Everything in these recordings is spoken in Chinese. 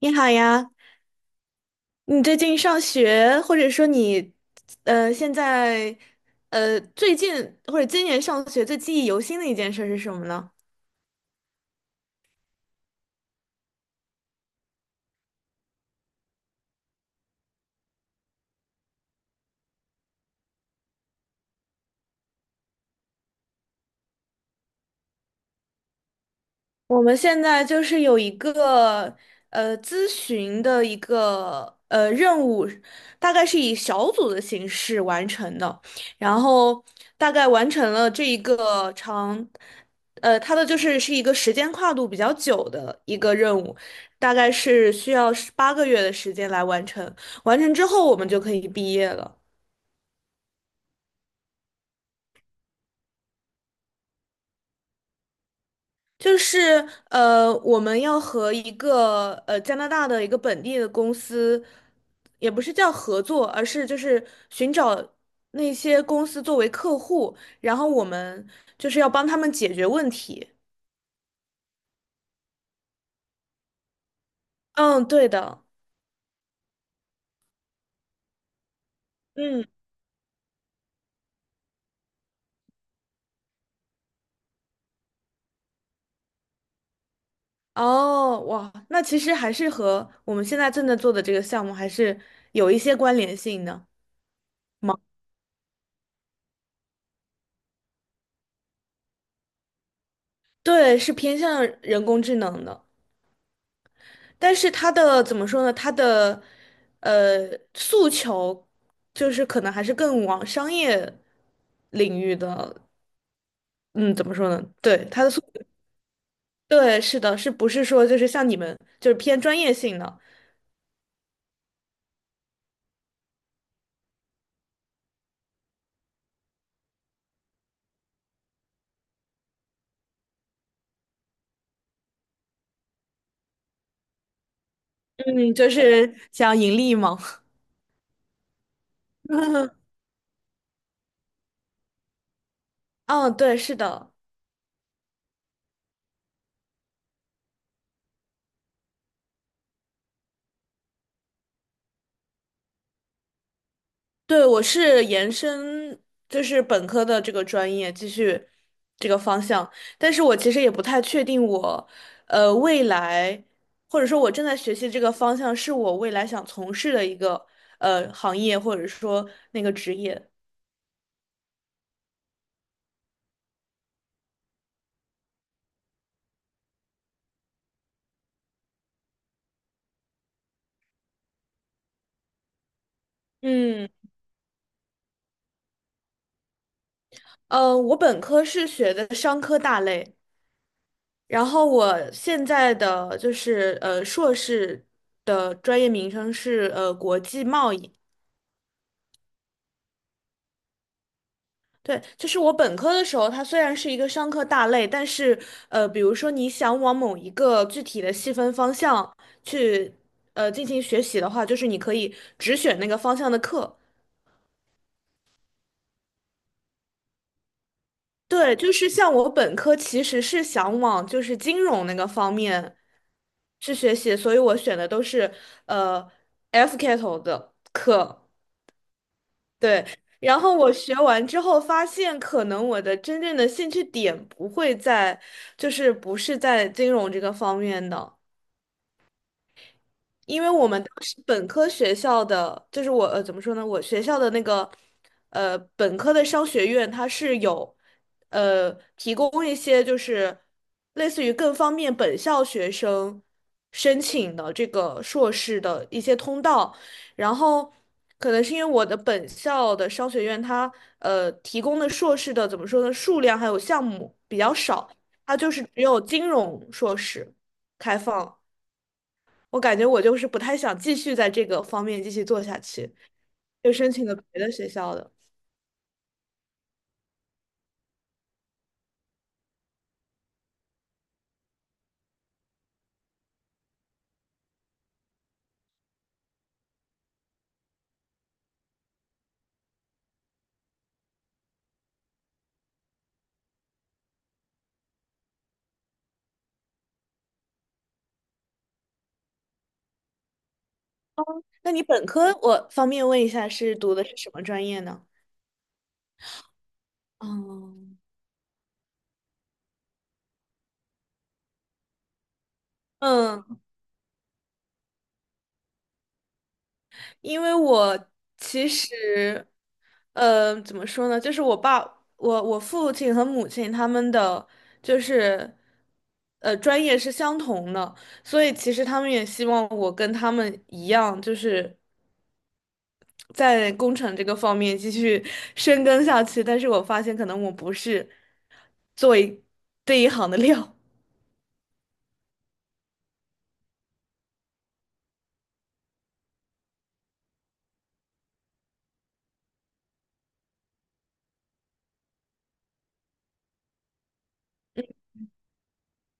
你好呀，你最近上学，或者说你，现在，最近或者今年上学最记忆犹新的一件事是什么呢？我们现在就是有一个咨询的一个任务，大概是以小组的形式完成的，然后大概完成了这一个长，它的就是是一个时间跨度比较久的一个任务，大概是需要18个月的时间来完成，完成之后我们就可以毕业了。就是我们要和一个加拿大的一个本地的公司，也不是叫合作，而是就是寻找那些公司作为客户，然后我们就是要帮他们解决问题。嗯，对的。嗯，哦，哇，那其实还是和我们现在正在做的这个项目还是有一些关联性的嘛。对，是偏向人工智能的。但是他的怎么说呢？他的诉求就是可能还是更往商业领域的，嗯，怎么说呢？对，他的诉，对，是的，是不是说就是像你们就是偏专业性的？嗯，就是想盈利嘛。嗯，哦对，是的。对，我是延伸，就是本科的这个专业，继续这个方向。但是我其实也不太确定我，未来或者说我正在学习这个方向是我未来想从事的一个行业，或者说那个职业。嗯，我本科是学的商科大类，然后我现在的就是硕士的专业名称是国际贸易。对，就是我本科的时候，它虽然是一个商科大类，但是比如说你想往某一个具体的细分方向去进行学习的话，就是你可以只选那个方向的课。对，就是像我本科其实是想往就是金融那个方面去学习，所以我选的都是呃 F 开头的课。对，然后我学完之后发现，可能我的真正的兴趣点不会在，就是不是在金融这个方面的。因为我们当时本科学校的，就是我怎么说呢，我学校的那个本科的商学院，它是有提供一些就是类似于更方便本校学生申请的这个硕士的一些通道，然后可能是因为我的本校的商学院它提供的硕士的怎么说呢，数量还有项目比较少，它就是只有金融硕士开放。我感觉我就是不太想继续在这个方面继续做下去，就申请了别的学校的。那你本科，我方便问一下，是读的是什么专业呢？哦，嗯，因为我其实，怎么说呢？就是我爸、我、我父亲和母亲他们的，就是，专业是相同的，所以其实他们也希望我跟他们一样，就是。在工程这个方面继续 深耕下去，但是我发现可能我不是做为这一行的料。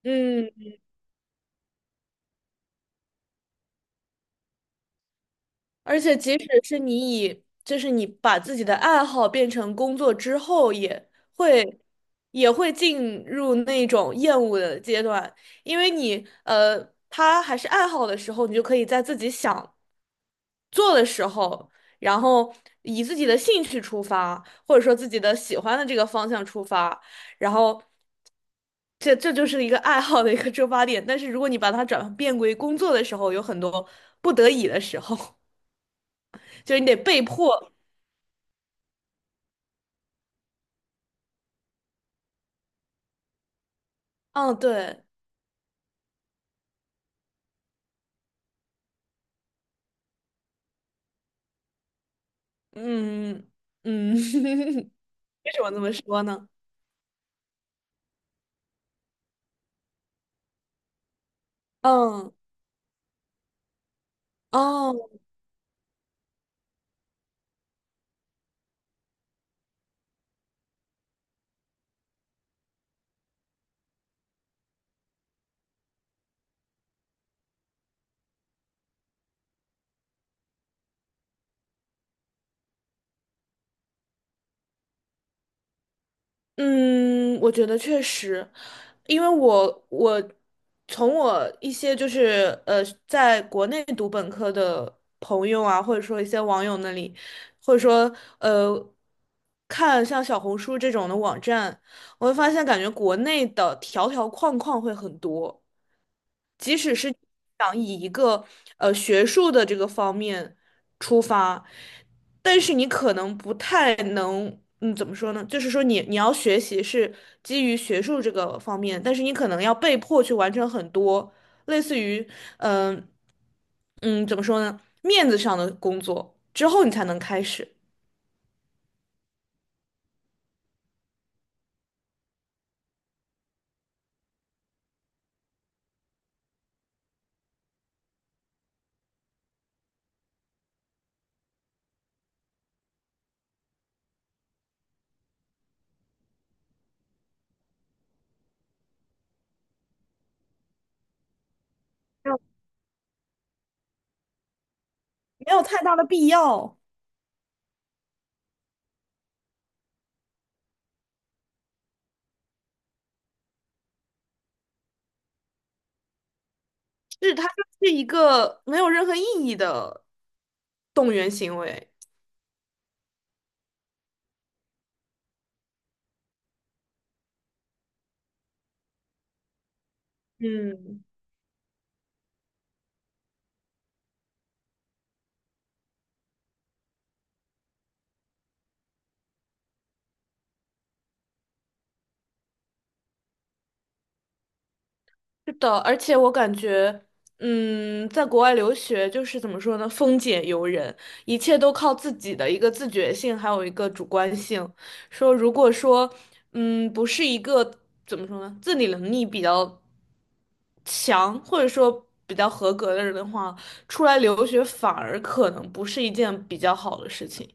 嗯，而且即使是你以，就是你把自己的爱好变成工作之后，会也会进入那种厌恶的阶段，因为你他还是爱好的时候，你就可以在自己想做的时候，然后以自己的兴趣出发，或者说自己的喜欢的这个方向出发，然后。这就是一个爱好的一个出发点，但是如果你把它转变为工作的时候，有很多不得已的时候，就是你得被迫。嗯，对，嗯嗯，为什么这么说呢？嗯，哦，嗯，我觉得确实，因为我从我一些就是在国内读本科的朋友啊，或者说一些网友那里，或者说看像小红书这种的网站。我会发现感觉国内的条条框框会很多，即使是想以一个学术的这个方面出发，但是你可能不太能，嗯，怎么说呢？就是说你要学习是基于学术这个方面，但是你可能要被迫去完成很多类似于，嗯、嗯，怎么说呢？面子上的工作之后你才能开始，没有没有太大的必要。是，它就是一个没有任何意义的动员行为。嗯，是的，而且我感觉，嗯，在国外留学就是怎么说呢，风俭由人，一切都靠自己的一个自觉性，还有一个主观性。说如果说，嗯，不是一个怎么说呢，自理能力比较强，或者说比较合格的人的话，出来留学反而可能不是一件比较好的事情。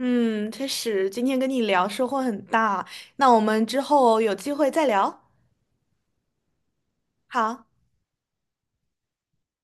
嗯，确实，今天跟你聊收获很大。那我们之后有机会再聊。好。